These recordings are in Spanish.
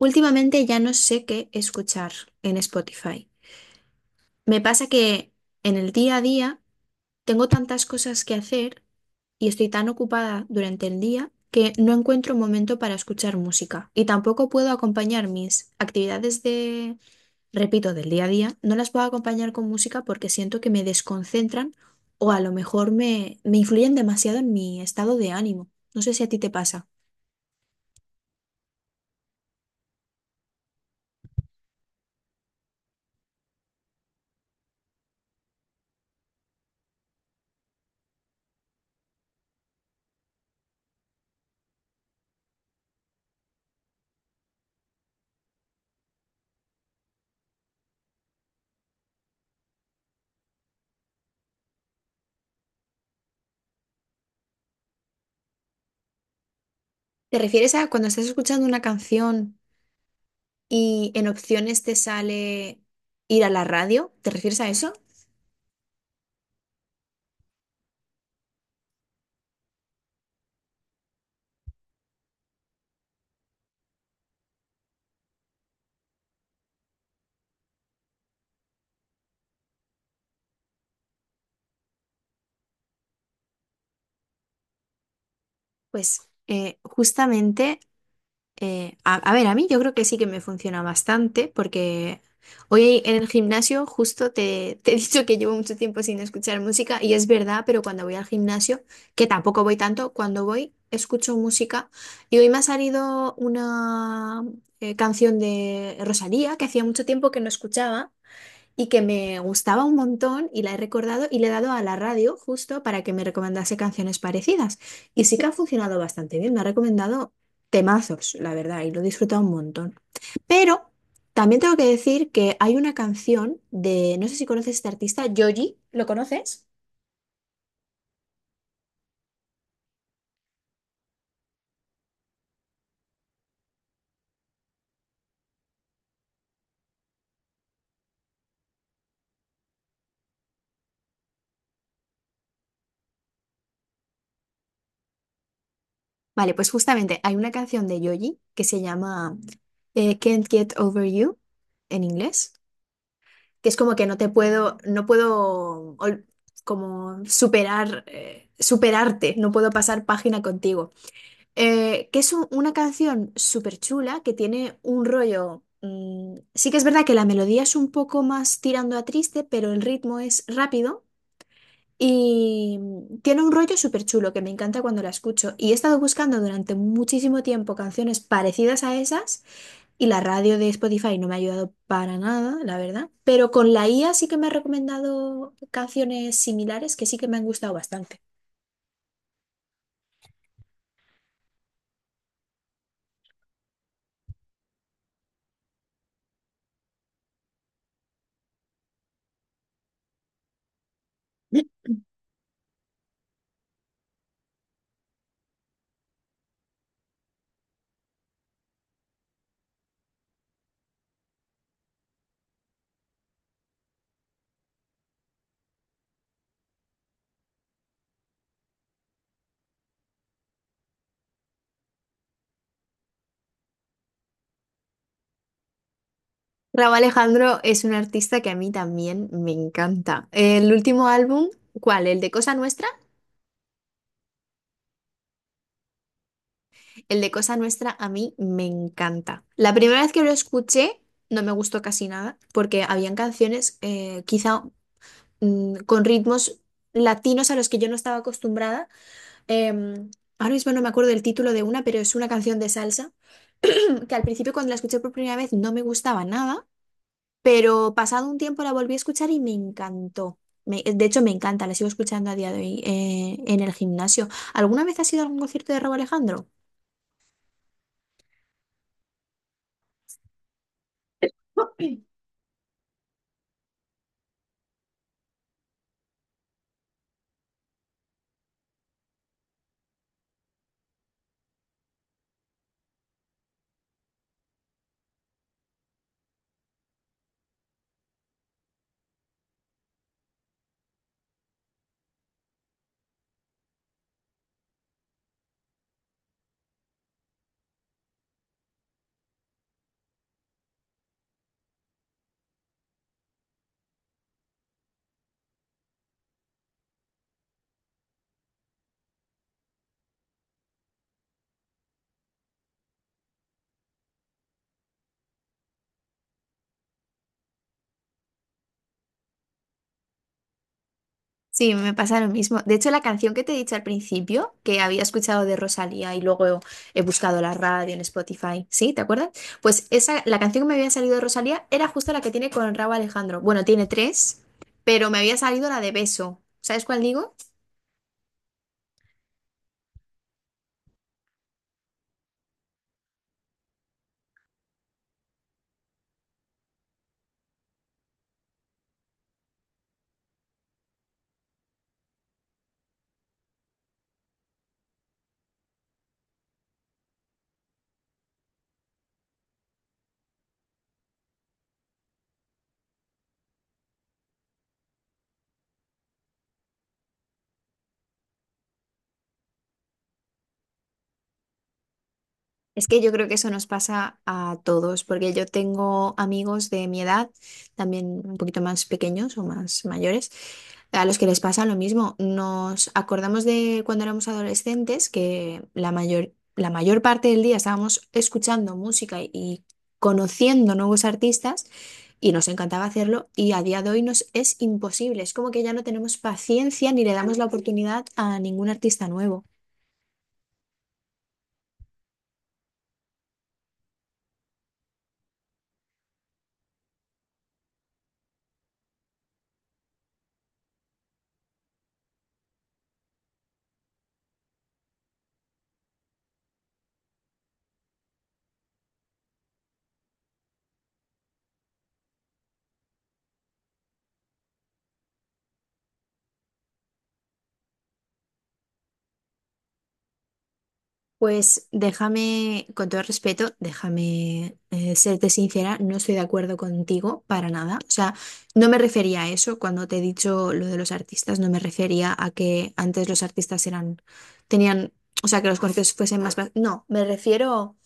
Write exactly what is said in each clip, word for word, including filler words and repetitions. Últimamente ya no sé qué escuchar en Spotify. Me pasa que en el día a día tengo tantas cosas que hacer y estoy tan ocupada durante el día que no encuentro momento para escuchar música y tampoco puedo acompañar mis actividades de, repito, del día a día, no las puedo acompañar con música porque siento que me desconcentran o a lo mejor me, me influyen demasiado en mi estado de ánimo. No sé si a ti te pasa. ¿Te refieres a cuando estás escuchando una canción y en opciones te sale ir a la radio? ¿Te refieres a eso? Pues eh, justamente, eh, a, a ver, a mí yo creo que sí que me funciona bastante porque hoy en el gimnasio justo te, te he dicho que llevo mucho tiempo sin escuchar música y es verdad, pero cuando voy al gimnasio, que tampoco voy tanto, cuando voy escucho música y hoy me ha salido una eh, canción de Rosalía que hacía mucho tiempo que no escuchaba, y que me gustaba un montón y la he recordado y le he dado a la radio justo para que me recomendase canciones parecidas. Y sí que ha funcionado bastante bien, me ha recomendado temazos, la verdad, y lo he disfrutado un montón. Pero también tengo que decir que hay una canción de, no sé si conoces este artista, Yoji, ¿lo conoces? Vale, pues justamente hay una canción de Yoji que se llama eh, Can't Get Over You en inglés, que es como que no te puedo, no puedo ol- como superar, eh, superarte, no puedo pasar página contigo. Eh, que es un- una canción súper chula que tiene un rollo. Mm, sí que es verdad que la melodía es un poco más tirando a triste, pero el ritmo es rápido. Y mm, tiene un rollo súper chulo que me encanta cuando la escucho. Y he estado buscando durante muchísimo tiempo canciones parecidas a esas y la radio de Spotify no me ha ayudado para nada, la verdad. Pero con la I A sí que me ha recomendado canciones similares que sí que me han gustado bastante. Rauw Alejandro es un artista que a mí también me encanta. El último álbum, ¿cuál? ¿El de Cosa Nuestra? El de Cosa Nuestra a mí me encanta. La primera vez que lo escuché no me gustó casi nada porque habían canciones eh, quizá mm, con ritmos latinos a los que yo no estaba acostumbrada. Em, Ahora mismo no me acuerdo del título de una, pero es una canción de salsa mm, que al principio cuando la escuché por primera vez no me gustaba nada, pero pasado un tiempo la volví a escuchar y me encantó. Me- de hecho, me encanta, la sigo escuchando a día de hoy eh, en el gimnasio. ¿Alguna vez has ido a algún concierto de Rauw Alejandro? Sí, me pasa lo mismo. De hecho, la canción que te he dicho al principio, que había escuchado de Rosalía y luego he buscado la radio en Spotify, ¿sí? ¿Te acuerdas? Pues esa, la canción que me había salido de Rosalía era justo la que tiene con Rauw Alejandro. Bueno, tiene tres, pero me había salido la de Beso. ¿Sabes cuál digo? Es que yo creo que eso nos pasa a todos, porque yo tengo amigos de mi edad, también un poquito más pequeños o más mayores, a los que les pasa lo mismo. Nos acordamos de cuando éramos adolescentes que la mayor, la mayor parte del día estábamos escuchando música y, y conociendo nuevos artistas y nos encantaba hacerlo y a día de hoy nos es imposible. Es como que ya no tenemos paciencia ni le damos la oportunidad a ningún artista nuevo. Pues déjame, con todo respeto, déjame eh, serte sincera, no estoy de acuerdo contigo para nada. O sea, no me refería a eso cuando te he dicho lo de los artistas, no me refería a que antes los artistas eran, tenían, o sea, que los conciertos fuesen más... ba- No, me refiero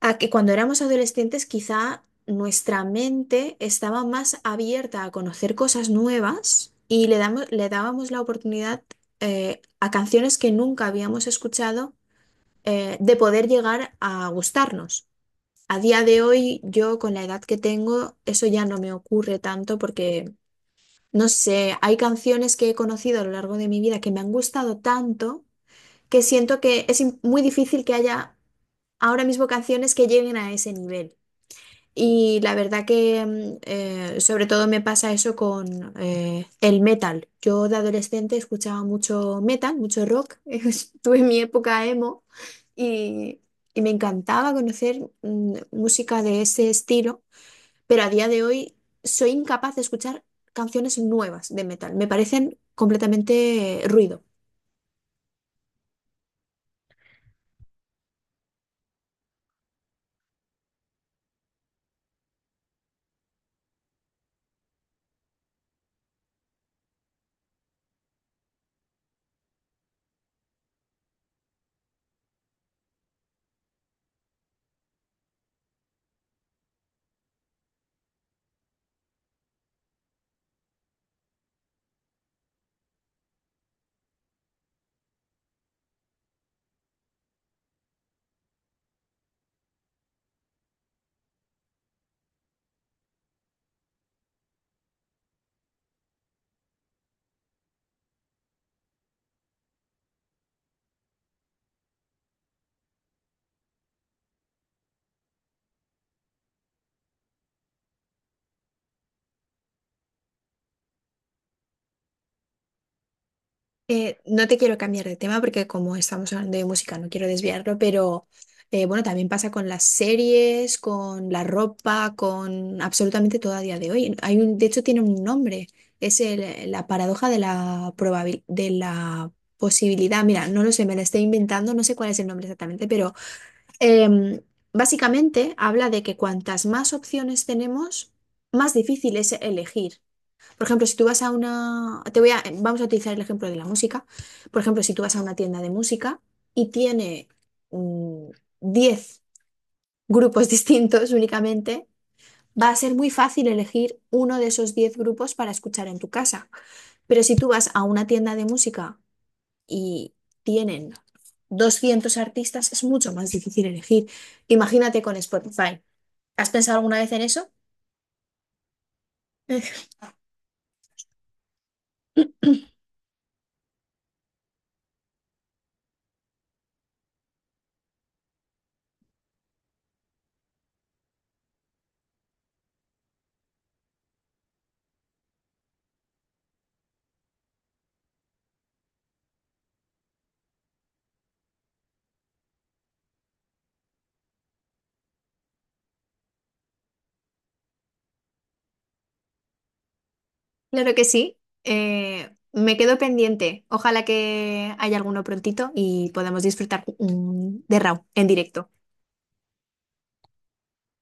a que cuando éramos adolescentes quizá nuestra mente estaba más abierta a conocer cosas nuevas y le damos, le dábamos la oportunidad eh, a canciones que nunca habíamos escuchado eh, de poder llegar a gustarnos. A día de hoy, yo con la edad que tengo, eso ya no me ocurre tanto porque, no sé, hay canciones que he conocido a lo largo de mi vida que me han gustado tanto que siento que es im- muy difícil que haya ahora mismo canciones que lleguen a ese nivel. Y la verdad que mm, eh, sobre todo me pasa eso con eh, el metal. Yo de adolescente escuchaba mucho metal, mucho rock. Tuve mi época emo y, y me encantaba conocer mm, música de ese estilo, pero a día de hoy soy incapaz de escuchar canciones nuevas de metal. Me parecen completamente eh, ruido. Eh, no te quiero cambiar de tema porque como estamos hablando de música no quiero desviarlo, pero eh, bueno, también pasa con las series, con la ropa, con absolutamente todo a día de hoy. Hay un, de hecho tiene un nombre, es el- la paradoja de la probabil- de la posibilidad. Mira, no lo sé, me la estoy inventando, no sé cuál es el nombre exactamente, pero em, básicamente habla de que cuantas más opciones tenemos, más difícil es elegir. Por ejemplo, si tú vas a una, te voy a, vamos a utilizar el ejemplo de la música. Por ejemplo, si tú vas a una tienda de música y tiene mm, diez grupos distintos únicamente, va a ser muy fácil elegir uno de esos diez grupos para escuchar en tu casa. Pero si tú vas a una tienda de música y tienen doscientos artistas, es mucho más difícil elegir. Imagínate con Spotify. ¿Has pensado alguna vez en eso? Claro que sí. Eh, me quedo pendiente. Ojalá que haya alguno prontito y podamos disfrutar mm, de Raw en directo.